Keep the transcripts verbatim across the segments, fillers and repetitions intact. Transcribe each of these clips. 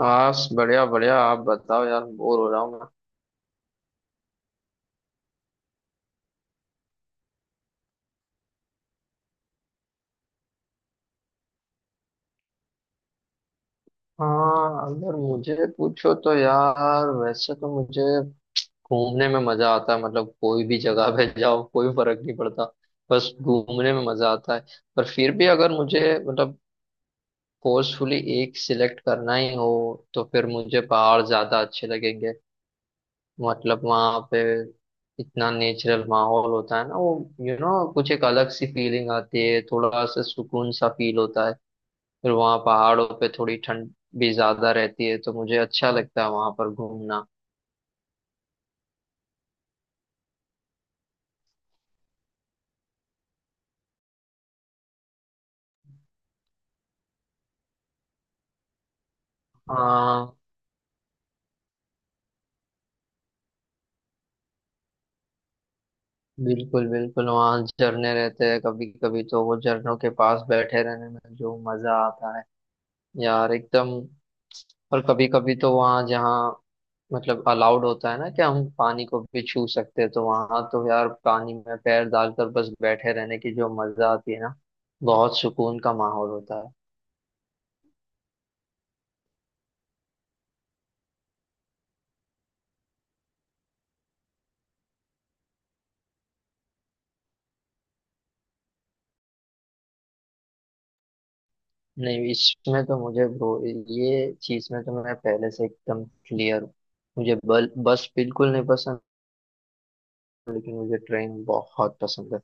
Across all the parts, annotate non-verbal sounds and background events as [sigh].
बस बढ़िया बढ़िया आप बताओ यार बोर हो रहा हूँ मैं। हाँ, अगर मुझे पूछो तो यार, वैसे तो मुझे घूमने में मजा आता है। मतलब कोई भी जगह पे जाओ, कोई फर्क नहीं पड़ता, बस घूमने में मजा आता है। पर फिर भी अगर मुझे मतलब फोर्सफुली एक सिलेक्ट करना ही हो तो फिर मुझे पहाड़ ज्यादा अच्छे लगेंगे। मतलब वहां पे इतना नेचुरल माहौल होता है ना वो, यू you नो know, कुछ एक अलग सी फीलिंग आती है, थोड़ा सा सुकून सा फील होता है। फिर वहाँ पहाड़ों पे थोड़ी ठंड भी ज्यादा रहती है तो मुझे अच्छा लगता है वहां पर घूमना। हाँ, बिल्कुल बिल्कुल वहाँ झरने रहते हैं, कभी कभी तो वो झरनों के पास बैठे रहने में जो मजा आता है यार, एकदम। और कभी कभी तो वहाँ जहाँ मतलब अलाउड होता है ना कि हम पानी को भी छू सकते हैं, तो वहाँ तो यार पानी में पैर डालकर बस बैठे रहने की जो मजा आती है ना, बहुत सुकून का माहौल होता है। नहीं, इसमें तो मुझे ब्रो, ये चीज में तो मैं पहले से एकदम क्लियर हूँ। मुझे बल, बस बिल्कुल नहीं पसंद, लेकिन मुझे ट्रेन बहुत पसंद है।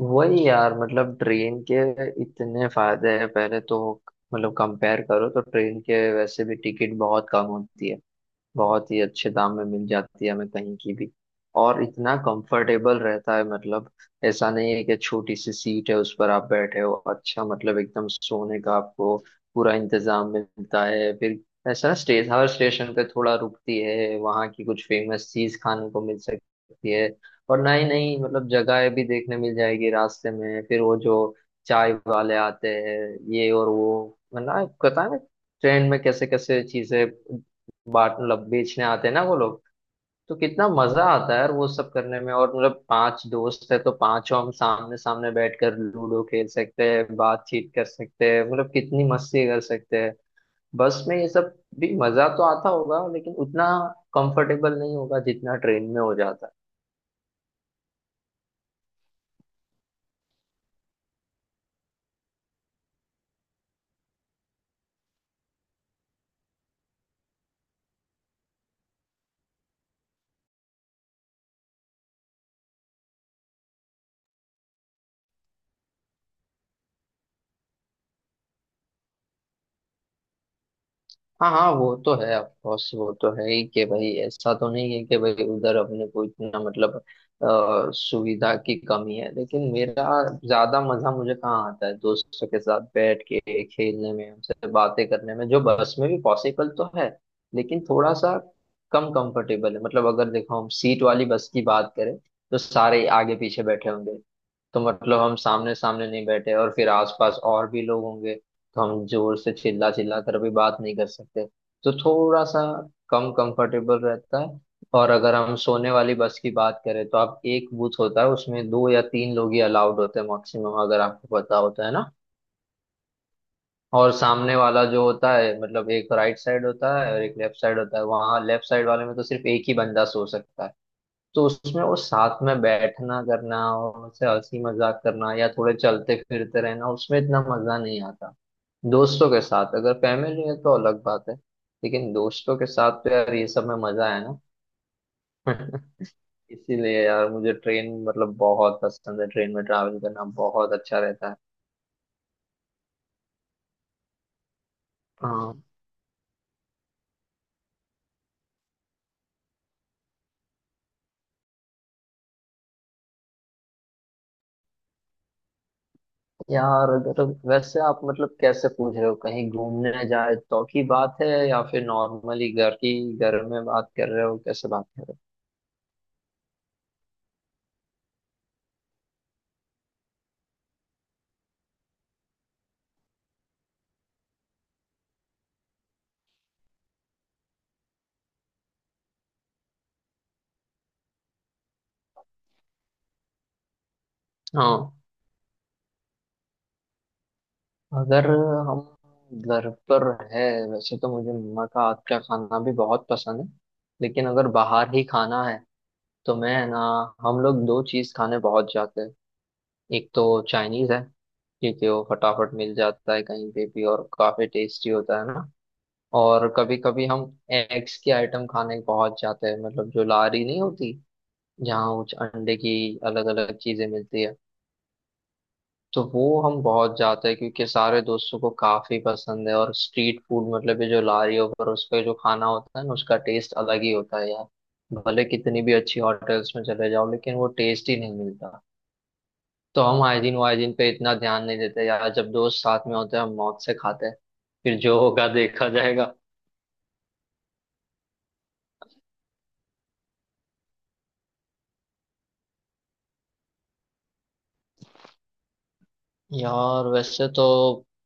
वही यार, मतलब ट्रेन के इतने फायदे हैं। पहले तो मतलब कंपेयर करो तो ट्रेन के वैसे भी टिकट बहुत कम होती है, बहुत ही अच्छे दाम में मिल जाती है हमें कहीं की भी। और इतना कंफर्टेबल रहता है, मतलब ऐसा नहीं है कि छोटी सी सीट है उस पर आप बैठे हो। अच्छा मतलब एकदम सोने का आपको पूरा इंतजाम मिलता है। फिर ऐसा स्टेशन, हर स्टेशन पे थोड़ा रुकती है, वहाँ की कुछ फेमस चीज खाने को मिल सकती है। और नई नई मतलब जगहें भी देखने मिल जाएगी रास्ते में। फिर वो जो चाय वाले आते हैं ये और वो मतलब, पता है ट्रेन में कैसे कैसे चीजें बाट मतलब बेचने आते हैं ना वो लोग, तो कितना मजा आता है यार वो सब करने में। और मतलब पांच दोस्त है तो पांचों हम सामने सामने बैठकर लूडो खेल सकते हैं, बातचीत कर सकते हैं, मतलब कितनी मस्ती कर सकते हैं। बस में ये सब भी मजा तो आता होगा, लेकिन उतना कंफर्टेबल नहीं होगा जितना ट्रेन में हो जाता है। हाँ हाँ, वो तो है ऑफ कोर्स। वो तो है ही कि भाई, ऐसा तो नहीं है कि भाई उधर अपने को इतना मतलब अ, सुविधा की कमी है। लेकिन मेरा ज्यादा मजा मुझे कहाँ आता है, दोस्तों के साथ बैठ के खेलने में, उनसे बातें करने में, जो बस में भी पॉसिबल तो है लेकिन थोड़ा सा कम कंफर्टेबल है। मतलब अगर देखो हम सीट वाली बस की बात करें, तो सारे आगे पीछे बैठे होंगे, तो मतलब हम सामने सामने नहीं बैठे और फिर आसपास और भी लोग होंगे, तो हम जोर से चिल्ला चिल्ला कर भी बात नहीं कर सकते। तो थोड़ा सा कम कंफर्टेबल रहता है। और अगर हम सोने वाली बस की बात करें तो आप एक बूथ होता है, उसमें दो या तीन लोग ही अलाउड होते हैं मैक्सिमम, अगर आपको पता होता है ना। और सामने वाला जो होता है मतलब एक राइट साइड होता है और एक लेफ्ट साइड होता है, वहाँ लेफ्ट साइड वाले में तो सिर्फ एक ही बंदा सो सकता है। तो उसमें वो साथ में बैठना करना और उनसे हंसी मजाक करना या थोड़े चलते फिरते रहना, उसमें इतना मजा नहीं आता। दोस्तों के साथ, अगर फैमिली है तो अलग बात है, लेकिन दोस्तों के साथ तो यार ये सब में मजा है ना। [laughs] इसीलिए यार मुझे ट्रेन मतलब बहुत पसंद है, ट्रेन में ट्रैवल करना बहुत अच्छा रहता है। हाँ, यार अगर, वैसे आप मतलब कैसे पूछ रहे हो? कहीं घूमने जाए तो की बात है या फिर नॉर्मली घर की, घर में बात कर रहे हो, कैसे बात कर रहे हो? हाँ, अगर हम घर पर है, वैसे तो मुझे मम्मा का हाथ का खाना भी बहुत पसंद है। लेकिन अगर बाहर ही खाना है तो मैं ना, हम लोग दो चीज खाने पहुंच जाते हैं। एक तो चाइनीज है, क्योंकि वो फटाफट मिल जाता है कहीं पे भी और काफी टेस्टी होता है ना। और कभी कभी हम एग्स की आइटम खाने पहुंच जाते हैं, मतलब जो लारी नहीं होती, जहाँ कुछ अंडे की अलग अलग चीजें मिलती है, तो वो हम बहुत जाते हैं क्योंकि सारे दोस्तों को काफी पसंद है। और स्ट्रीट फूड मतलब ये जो लारी पर, उस पे जो खाना होता है ना, उसका टेस्ट अलग ही होता है यार। भले कितनी भी अच्छी होटल्स में चले जाओ, लेकिन वो टेस्ट ही नहीं मिलता। तो हम हाइजीन वाइजीन पे इतना ध्यान नहीं देते यार, जब दोस्त साथ में होते हैं हम मौत से खाते हैं, फिर जो होगा देखा जाएगा। यार वैसे तो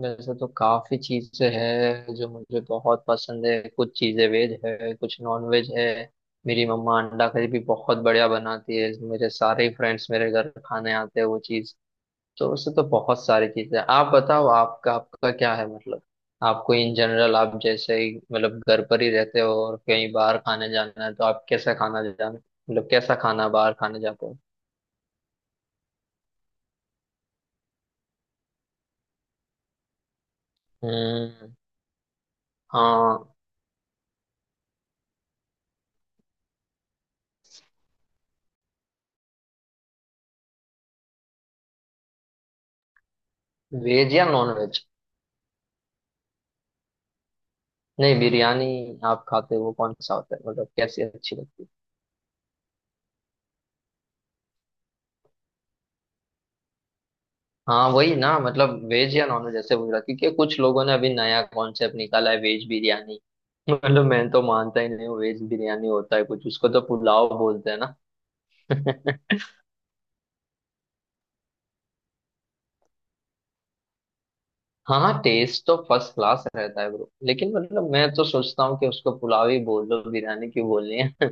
वैसे तो काफी चीजें हैं जो मुझे बहुत पसंद है। कुछ चीजें वेज है, कुछ नॉन वेज है। मेरी मम्मा अंडा करी भी बहुत बढ़िया बनाती है, मेरे सारे फ्रेंड्स मेरे घर खाने आते हैं वो चीज। तो वैसे तो बहुत सारी चीजें हैं। आप बताओ, आपका आपका क्या है मतलब? आपको इन जनरल, आप जैसे ही मतलब घर पर ही रहते हो और कहीं बाहर खाने जाना है तो आप कैसा खाना जाना, मतलब कैसा खाना बाहर खाने जाते हो? हम्म। हाँ। वेज या नॉन वेज? नहीं, बिरयानी आप खाते हो वो कौन सा होता है, मतलब कैसी अच्छी लगती है? हाँ वही ना, मतलब वेज या नॉन वेज ऐसे पूछ रहा, क्योंकि कुछ लोगों ने अभी नया कॉन्सेप्ट निकाला है वेज बिरयानी। मतलब मैं तो मानता ही नहीं हूँ वेज बिरयानी होता है कुछ, उसको तो पुलाव बोलते हैं ना। [laughs] हाँ, टेस्ट तो फर्स्ट क्लास रहता है ब्रो, लेकिन मतलब मैं तो सोचता हूँ कि उसको पुलाव ही बोल दो, बिरयानी क्यों बोलनी है।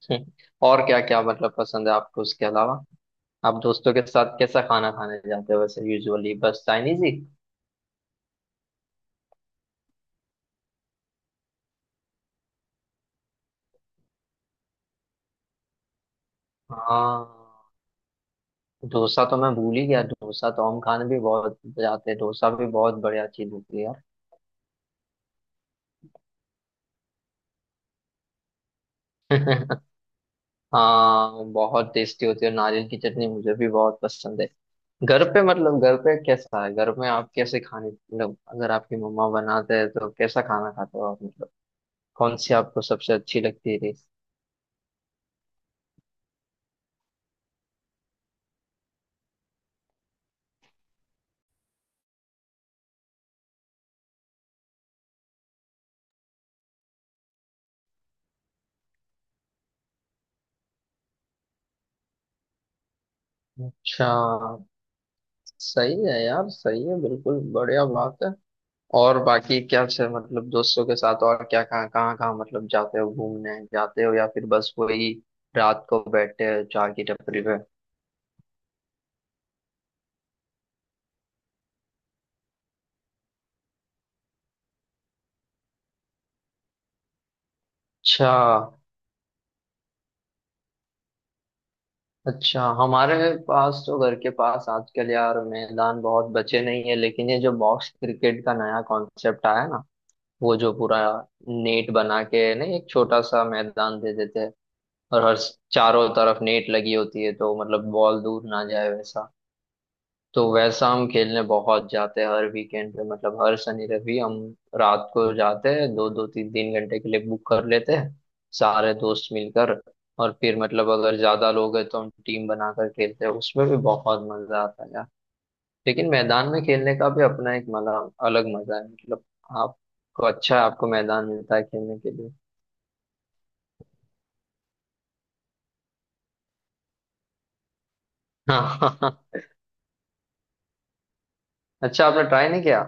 [laughs] और क्या क्या मतलब पसंद है आपको उसके अलावा? आप दोस्तों के साथ कैसा खाना खाने जाते हो वैसे यूजुअली, बस चाइनीज ही? हाँ, डोसा तो मैं भूल ही गया। डोसा तो हम खाने भी बहुत जाते हैं, डोसा भी बहुत बढ़िया चीज होती है यार। [laughs] हाँ, बहुत टेस्टी होती है नारियल की चटनी, मुझे भी बहुत पसंद है। घर पे मतलब, घर पे कैसा है, घर में आप कैसे खाने, मतलब अगर आपकी मम्मा बनाते हैं तो कैसा खाना खाते हो आप मतलब, कौन सी आपको सबसे अच्छी लगती है डिश? अच्छा। सही है यार, सही है, बिल्कुल बढ़िया बात है। और बाकी क्या से मतलब दोस्तों के साथ और क्या कहाँ कहाँ कहाँ मतलब जाते हो, घूमने जाते हो या फिर बस वही रात को बैठते हो चाय की टपरी पे? अच्छा। अच्छा, हमारे पास तो घर के पास आजकल यार मैदान बहुत बचे नहीं है, लेकिन ये जो बॉक्स क्रिकेट का नया कॉन्सेप्ट आया ना, वो जो पूरा नेट बना के ना, एक छोटा सा मैदान दे देते हैं और हर चारों तरफ नेट लगी होती है तो मतलब बॉल दूर ना जाए वैसा। तो वैसा हम खेलने बहुत जाते हैं हर वीकेंड पे, मतलब हर शनि रवि हम रात को जाते हैं, दो दो तीन तीन घंटे के लिए बुक कर लेते हैं सारे दोस्त मिलकर। और फिर मतलब अगर ज्यादा लोग हैं तो हम टीम बनाकर खेलते हैं, उसमें भी बहुत मजा आता है यार। लेकिन मैदान में खेलने का भी अपना एक मजा, अलग मजा है मतलब। आपको अच्छा है, आपको मैदान मिलता है खेलने के लिए। हाँ। [laughs] अच्छा, आपने ट्राई नहीं किया?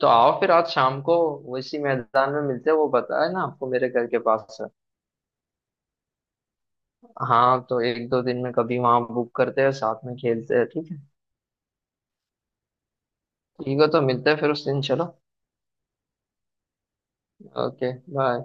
तो आओ फिर आज शाम को उसी मैदान में मिलते हैं, वो पता है ना आपको, मेरे घर के पास। हाँ तो एक दो दिन में कभी वहां बुक करते हैं, साथ में खेलते हैं, ठीक है। ठीक है, तो मिलते हैं फिर उस दिन, चलो। Okay, bye.